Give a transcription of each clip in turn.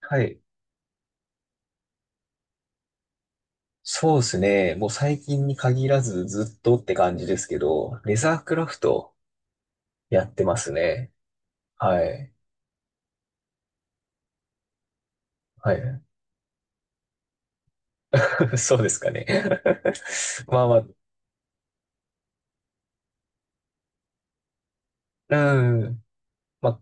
はい。そうですね。もう最近に限らずずっとって感じですけど、レザークラフトやってますね。はい。はい。そうですかね。まあまあ、うん。まあ、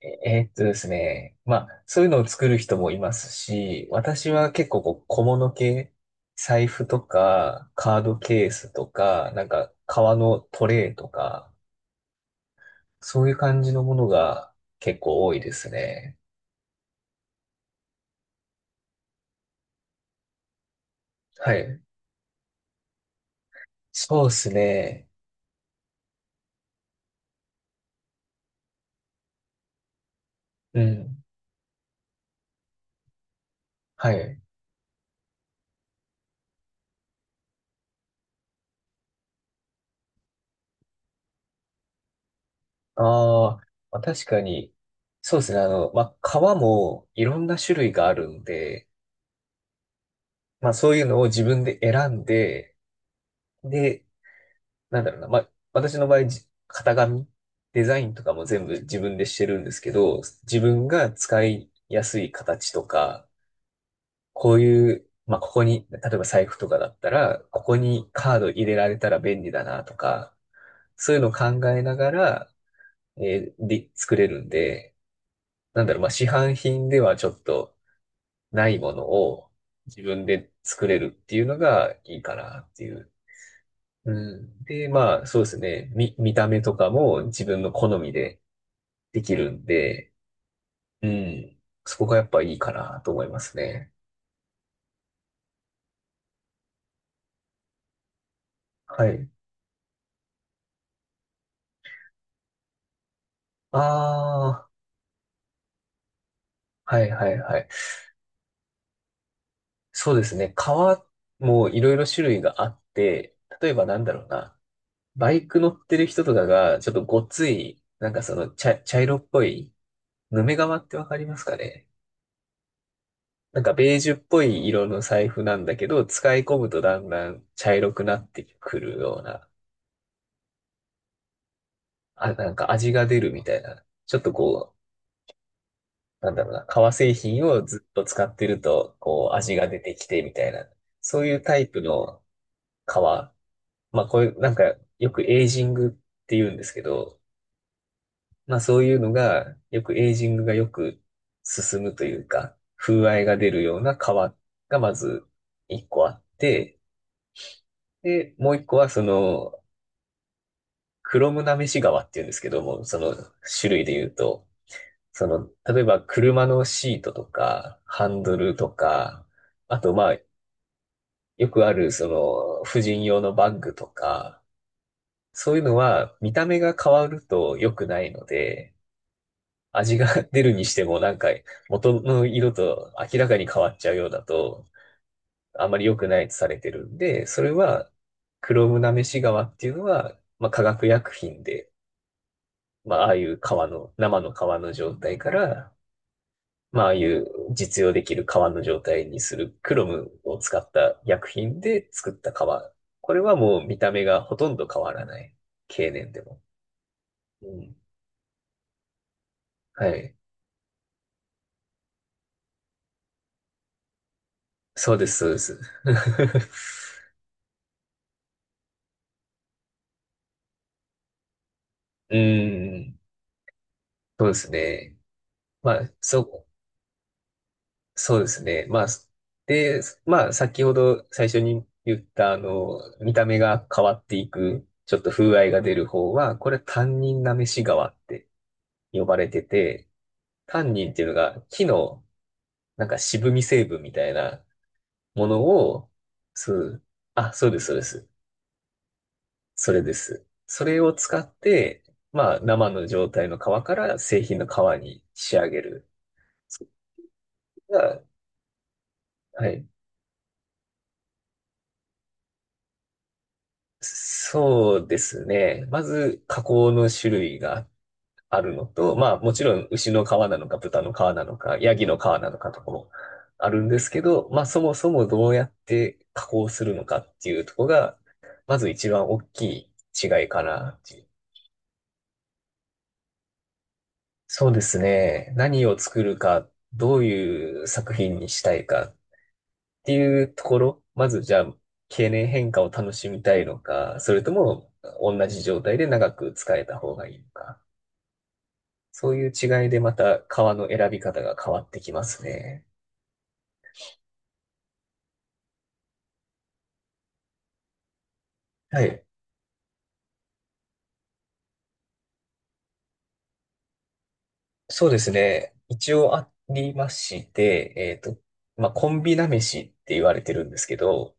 ええーっとですね。まあ、そういうのを作る人もいますし、私は結構こう小物系、財布とか、カードケースとか、なんか革のトレイとか、そういう感じのものが結構多いですね。はい。そうですね。うん。はい。あーまあ、確かに、そうですね。まあ、革もいろんな種類があるので、まあ、そういうのを自分で選んで、で、なんだろうな。まあ、私の場合、型紙、デザインとかも全部自分でしてるんですけど、自分が使いやすい形とか、こういう、まあ、ここに、例えば財布とかだったら、ここにカード入れられたら便利だなとか、そういうのを考えながら、で、作れるんで、なんだろう、まあ、市販品ではちょっとないものを自分で作れるっていうのがいいかなっていう。うん。で、まあ、そうですね。見た目とかも自分の好みでできるんで、うん。そこがやっぱいいかなと思いますね。はい。ああ、はいはいはい。そうですね。革もいろいろ種類があって、例えばなんだろうな。バイク乗ってる人とかが、ちょっとごっつい、なんかその茶色っぽい、ヌメ革ってわかりますかね？なんかベージュっぽい色の財布なんだけど、使い込むとだんだん茶色くなってくるような、あ、なんか味が出るみたいな。ちょっとこう、なんだろうな、革製品をずっと使ってると、こう味が出てきてみたいな。そういうタイプの革。まあこれなんかよくエイジングって言うんですけど、まあそういうのが、よくエイジングがよく進むというか、風合いが出るような皮がまず一個あって、で、もう一個はその、クロムなめし革っていうんですけども、その種類で言うと、その、例えば車のシートとか、ハンドルとか、あとまあ、よくあるその、婦人用のバッグとか、そういうのは見た目が変わると良くないので、味が 出るにしてもなんか元の色と明らかに変わっちゃうようだとあまり良くないとされてるんで、それはクロムナメシ川っていうのは、まあ、化学薬品で、まあ、ああいう川の、生の川の状態から、まあ、ああいう実用できる川の状態にするクロムを使った薬品で作った川。これはもう見た目がほとんど変わらない。経年でも。うん。はい。そうです、そうです。うーん。そうですね。まあ、そうですね。まあ、で、まあ、先ほど最初に言った、あの、見た目が変わっていく、ちょっと風合いが出る方は、これ、タンニンなめし川って呼ばれてて、タンニンっていうのが木の、なんか渋み成分みたいなものを、そう、あ、そうです、そうです。それです。それを使って、まあ、生の状態の皮から製品の皮に仕上げる。それが、はい。そうですね。まず、加工の種類があるのと、まあ、もちろん、牛の皮なのか、豚の皮なのか、ヤギの皮なのかとかもあるんですけど、まあ、そもそもどうやって加工するのかっていうところが、まず一番大きい違いかなっていう。そうですね。何を作るか、どういう作品にしたいかっていうところ、まずじゃあ、経年変化を楽しみたいのか、それとも同じ状態で長く使えた方がいいのか。そういう違いでまた革の選び方が変わってきますね。はい。そうですね。一応ありまして、まあ、コンビなめしって言われてるんですけど、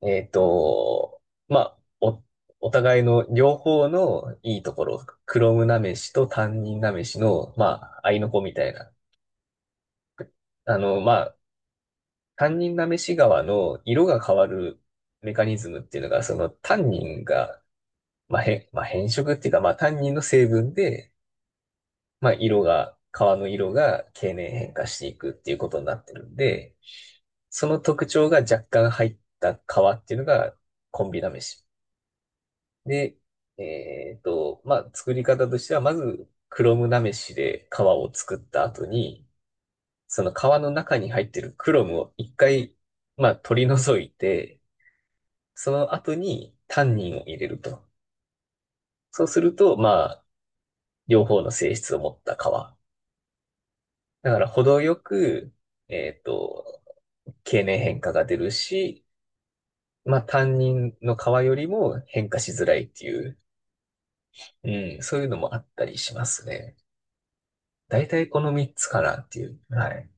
えっと、まあ、お互いの両方のいいところ、クロムなめしと担任なめしの、まあ、合いの子みたいな。あの、まあ、担任なめし側の色が変わるメカニズムっていうのが、その担任が、まあ、まあ、変色っていうか、まあ、担任の成分で、まあ、川の色が経年変化していくっていうことになってるんで、その特徴が若干入った川っていうのがコンビなめし。で、まあ、作り方としては、まず、クロムなめしで川を作った後に、その川の中に入ってるクロムを一回、まあ、取り除いて、その後にタンニンを入れると。そうすると、まあ、両方の性質を持った川。だから、程よく、えっと、経年変化が出るし、まあ担任の側よりも変化しづらいっていう、うん、そういうのもあったりしますね。大体この3つかなっていう。はい。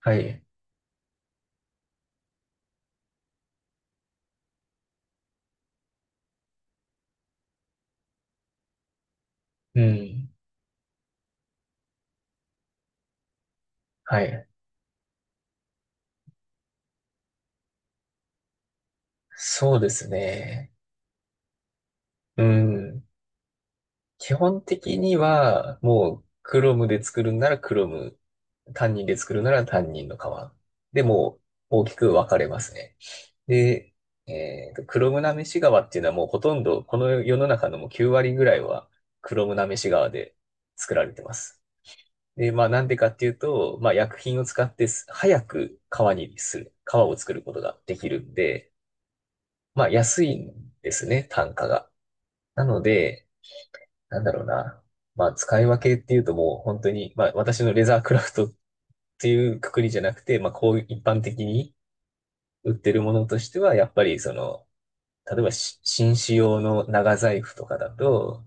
はい。うん。はい。そうですね。うん。基本的には、もう、Chrome で作るんなら Chrome、担任で作るなら担任の側。でもう、大きく分かれますね。で、Chrome なめし側っていうのはもうほとんど、この世の中のもう9割ぐらいは Chrome なめし側で作られてます。で、まあなんでかっていうと、まあ薬品を使ってす早く革にする、革を作ることができるんで、まあ安いんですね、単価が。なので、なんだろうな。まあ、使い分けっていうともう本当に、まあ、私のレザークラフトっていうくくりじゃなくて、まあ、こういう一般的に売ってるものとしては、やっぱりその、例えば紳士用の長財布とかだと、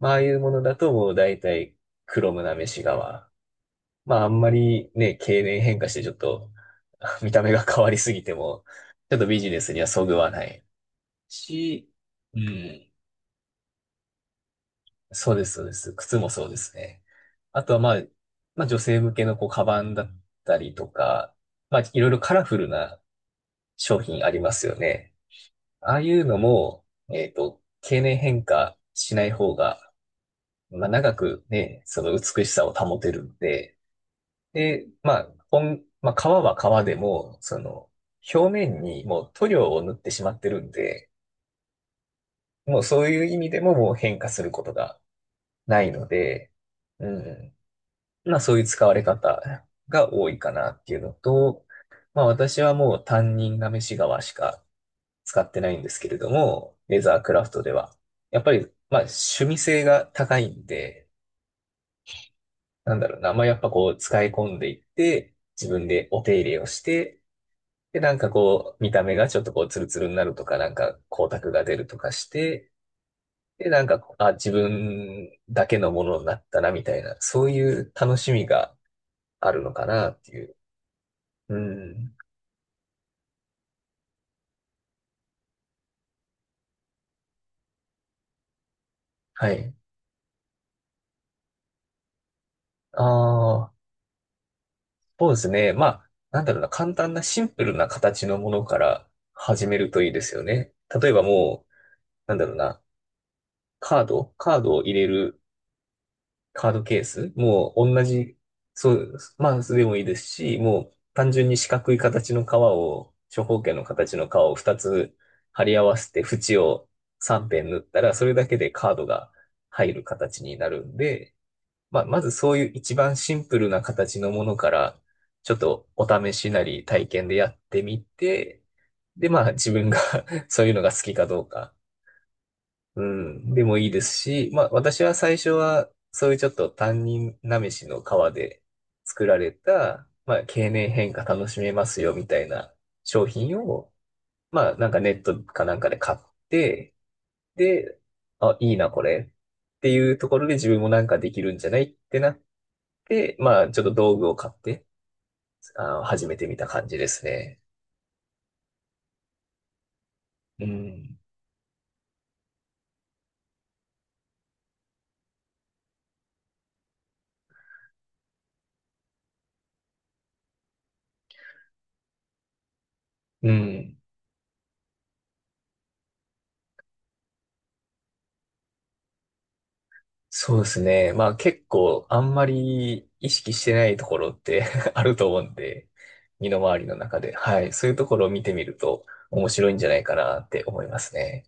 まあ、ああいうものだともう大体黒むなめし革。まあ、あんまりね、経年変化してちょっと 見た目が変わりすぎても、ちょっとビジネスにはそぐわないし、うん。そうです、そうです。靴もそうですね。あとは、まあ、女性向けのこう、カバンだったりとか、まあ、いろいろカラフルな商品ありますよね。ああいうのも、経年変化しない方が、まあ、長くね、その美しさを保てるんで、で、まあ、革は革でも、その、表面にもう塗料を塗ってしまってるんで、もうそういう意味でももう変化することがないので、うん。まあそういう使われ方が多いかなっていうのと、まあ私はもう担任が飯側しか使ってないんですけれども、レザークラフトでは。やっぱり、まあ趣味性が高いんで、なんだろうな、まあやっぱこう使い込んでいって、自分でお手入れをして、で、なんかこう見た目がちょっとこうツルツルになるとか、なんか光沢が出るとかして、で、なんか、あ、自分だけのものになったな、みたいな、そういう楽しみがあるのかなっていう。うん。はい。ああ、そうですね。まあ、なんだろうな、簡単なシンプルな形のものから始めるといいですよね。例えばもう、なんだろうな、カードを入れるカードケース、もう同じ、そう、まあ、でもいいですし、もう単純に四角い形の革を、長方形の形の革を2つ貼り合わせて縁を3辺縫ったら、それだけでカードが入る形になるんで、まあ、まずそういう一番シンプルな形のものから、ちょっとお試しなり体験でやってみて、で、まあ自分が そういうのが好きかどうか、うん、でもいいですし、まあ私は最初はそういうちょっと担任なめしの皮で作られた、まあ経年変化楽しめますよみたいな商品を、まあなんかネットかなんかで買って、で、あ、いいなこれっていうところで自分もなんかできるんじゃないってなっで、まあ、ちょっと道具を買って、あの、始めてみた感じですね。うん。うん。そうですね。まあ、結構、あんまり意識してないところって あると思うんで、身の回りの中で。はい。そういうところを見てみると、面白いんじゃないかなって思いますね。